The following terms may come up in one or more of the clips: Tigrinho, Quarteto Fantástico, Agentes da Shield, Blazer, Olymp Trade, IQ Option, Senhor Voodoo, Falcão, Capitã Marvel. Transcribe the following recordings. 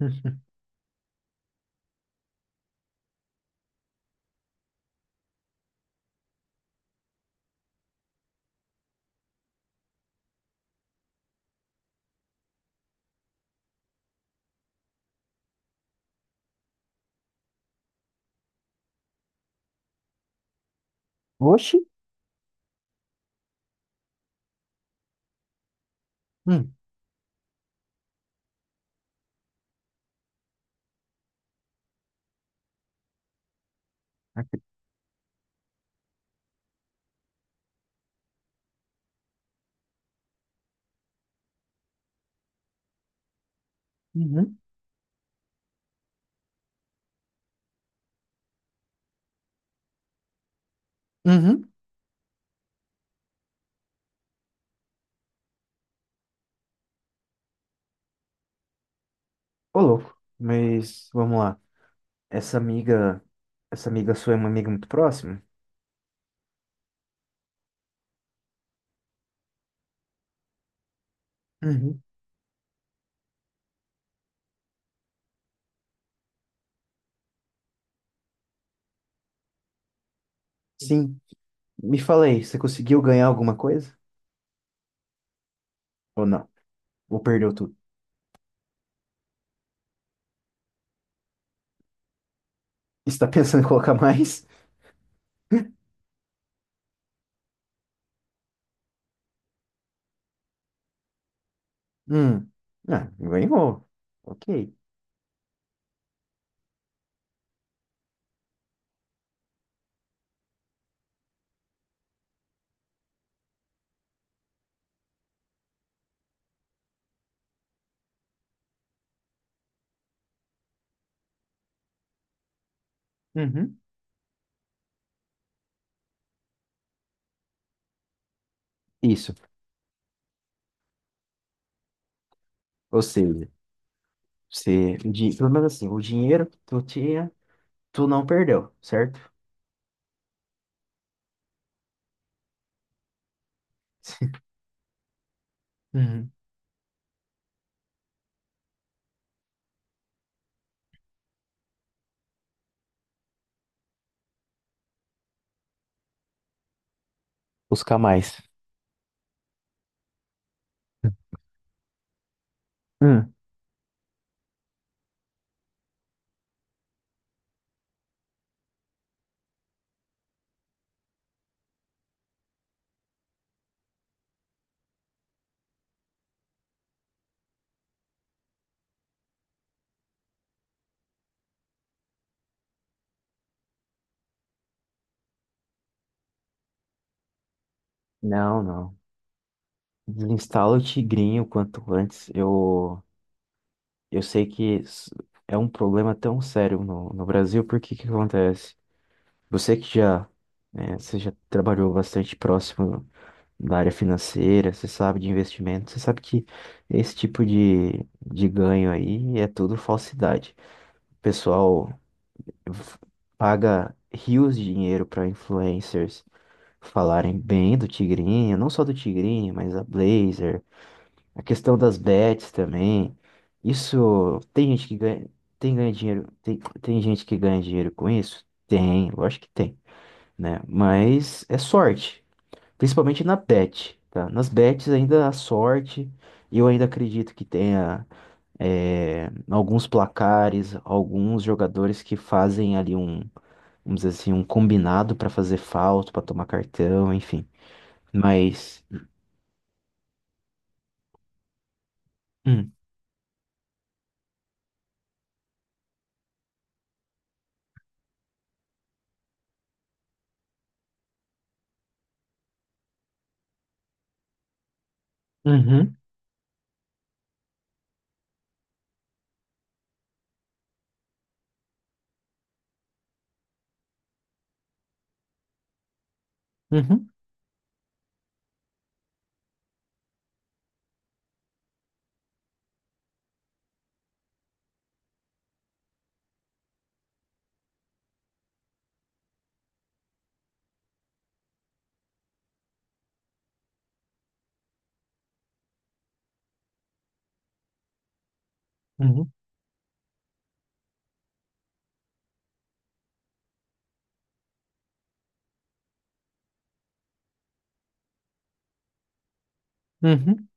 Oxi. Hum. acre- Uhum. Uhum. Ô, louco. Mas vamos lá. Essa amiga, essa amiga sua é uma amiga muito próxima? Uhum. Sim. Me fala aí, você conseguiu ganhar alguma coisa? Ou não? Ou perdeu tudo? Está pensando em colocar mais? Hum. Ah, ganhou. Ok. Uhum. Isso. Ou seja, você, pelo menos assim, o dinheiro que tu tinha, tu não perdeu, certo? Uhum. Buscar mais. Hum. Não, não. Desinstala o Tigrinho o quanto antes. Eu sei que é um problema tão sério no, Brasil, porque que acontece? Você que já, né, você já trabalhou bastante próximo da área financeira, você sabe de investimento, você sabe que esse tipo de ganho aí é tudo falsidade. O pessoal f- paga rios de dinheiro para influencers falarem bem do Tigrinho, não só do Tigrinho, mas a Blazer. A questão das bets também. Isso tem gente que ganha, tem ganha dinheiro, tem gente que ganha dinheiro com isso? Tem, eu acho que tem, né? Mas é sorte, principalmente na bet, tá? Nas bets ainda há sorte, e eu ainda acredito que tenha alguns placares, alguns jogadores que fazem ali um, vamos dizer assim, um combinado para fazer falta, para tomar cartão, enfim. Mas. Hum. Uhum, uhum, uhum, uhum.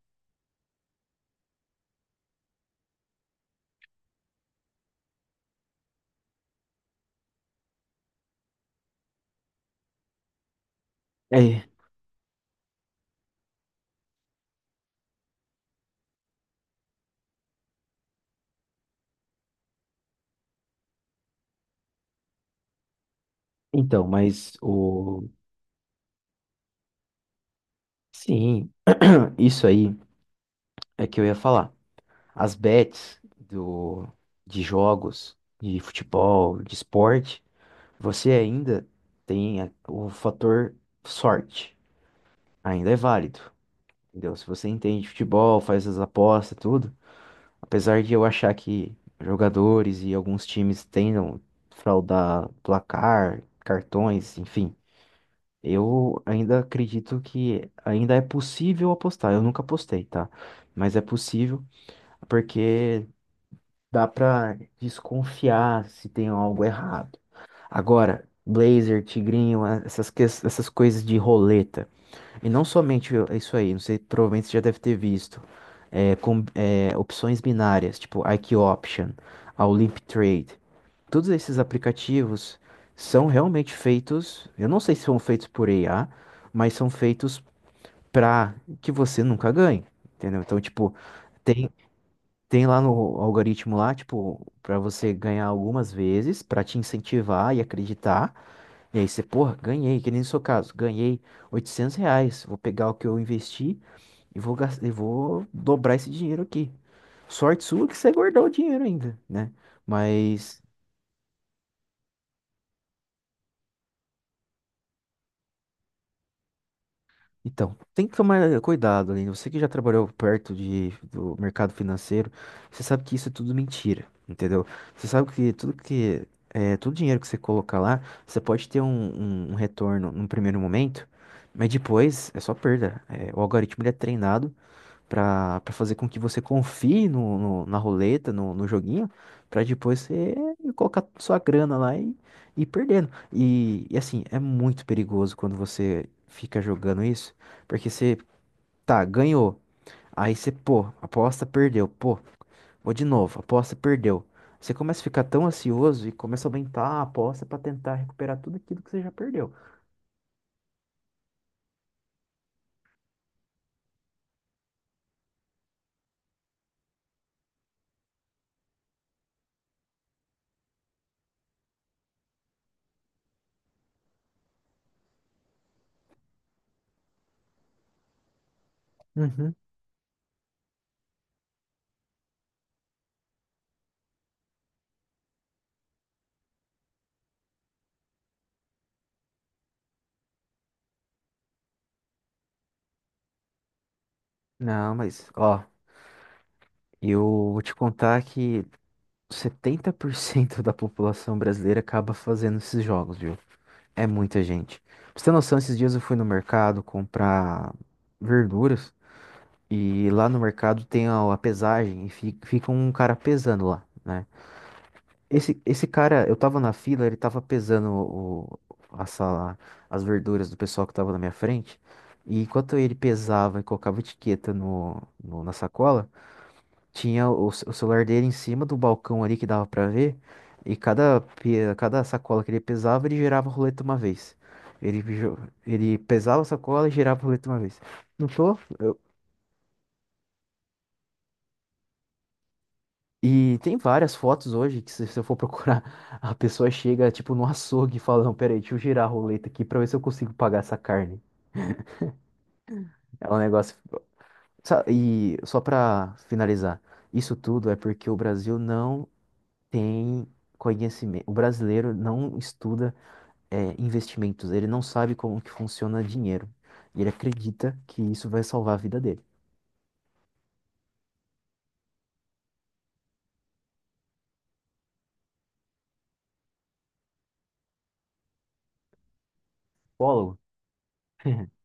É. Então, mas o. Sim, isso aí é que eu ia falar. As bets do... de jogos, de futebol, de esporte, você ainda tem o fator sorte. Ainda é válido, entendeu? Se você entende de futebol, faz as apostas, tudo. Apesar de eu achar que jogadores e alguns times tentam fraudar placar, cartões, enfim. Eu ainda acredito que ainda é possível apostar. Eu nunca apostei, tá? Mas é possível porque dá pra desconfiar se tem algo errado. Agora, Blazer, Tigrinho, essas, essas coisas de roleta. E não somente isso aí, não sei, provavelmente você já deve ter visto. Opções binárias, tipo IQ Option, a Olymp Trade todos esses aplicativos são realmente feitos, eu não sei se são feitos por IA, mas são feitos para que você nunca ganhe, entendeu? Então, tipo, tem, tem lá no algoritmo lá, tipo, para você ganhar algumas vezes, para te incentivar e acreditar. E aí você, porra, ganhei, que nem no seu caso, ganhei R$ 800, vou pegar o que eu investi e vou dobrar esse dinheiro aqui. Sorte sua que você guardou o dinheiro ainda, né? Mas. Então, tem que tomar cuidado, Aline. Você que já trabalhou perto do mercado financeiro, você sabe que isso é tudo mentira, entendeu? Você sabe que tudo que todo dinheiro que você colocar lá, você pode ter um retorno num primeiro momento, mas depois é só perda. O algoritmo ele é treinado pra fazer com que você confie na roleta, no joguinho, pra depois você colocar sua grana lá e ir perdendo. E assim, é muito perigoso quando você fica jogando isso, porque você, tá, ganhou, aí você, pô, aposta, perdeu, pô, vou de novo, aposta, perdeu. Você começa a ficar tão ansioso e começa a aumentar a aposta pra tentar recuperar tudo aquilo que você já perdeu. Uhum. Não, mas, ó, eu vou te contar que 70% da população brasileira acaba fazendo esses jogos, viu? É muita gente. Pra você ter noção, esses dias eu fui no mercado comprar verduras e lá no mercado tem a pesagem e fica um cara pesando lá, né? Esse cara, eu tava na fila, ele tava pesando a sala, as verduras do pessoal que tava na minha frente. E enquanto ele pesava e colocava etiqueta na sacola, tinha o celular dele em cima do balcão ali que dava pra ver. E cada, cada sacola que ele pesava, ele girava a roleta uma vez. Ele, jo- ele pesava a sacola e girava a roleta uma vez. Não tô? E tem várias fotos hoje que se eu for procurar, a pessoa chega tipo no açougue e fala, não, peraí, deixa eu girar a roleta aqui pra ver se eu consigo pagar essa carne. É um negócio... E só pra finalizar, isso tudo é porque o Brasil não tem conhecimento. O brasileiro não estuda investimentos, ele não sabe como que funciona dinheiro. E ele acredita que isso vai salvar a vida dele. Psicólogo?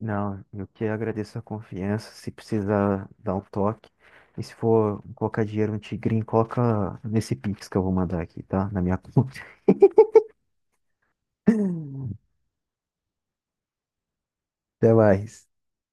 Não, eu que agradeço a confiança. Se precisar dar um toque. E se for colocar dinheiro no Tigrinho, coloca nesse Pix que eu vou mandar aqui, tá? Na minha conta. Até mais.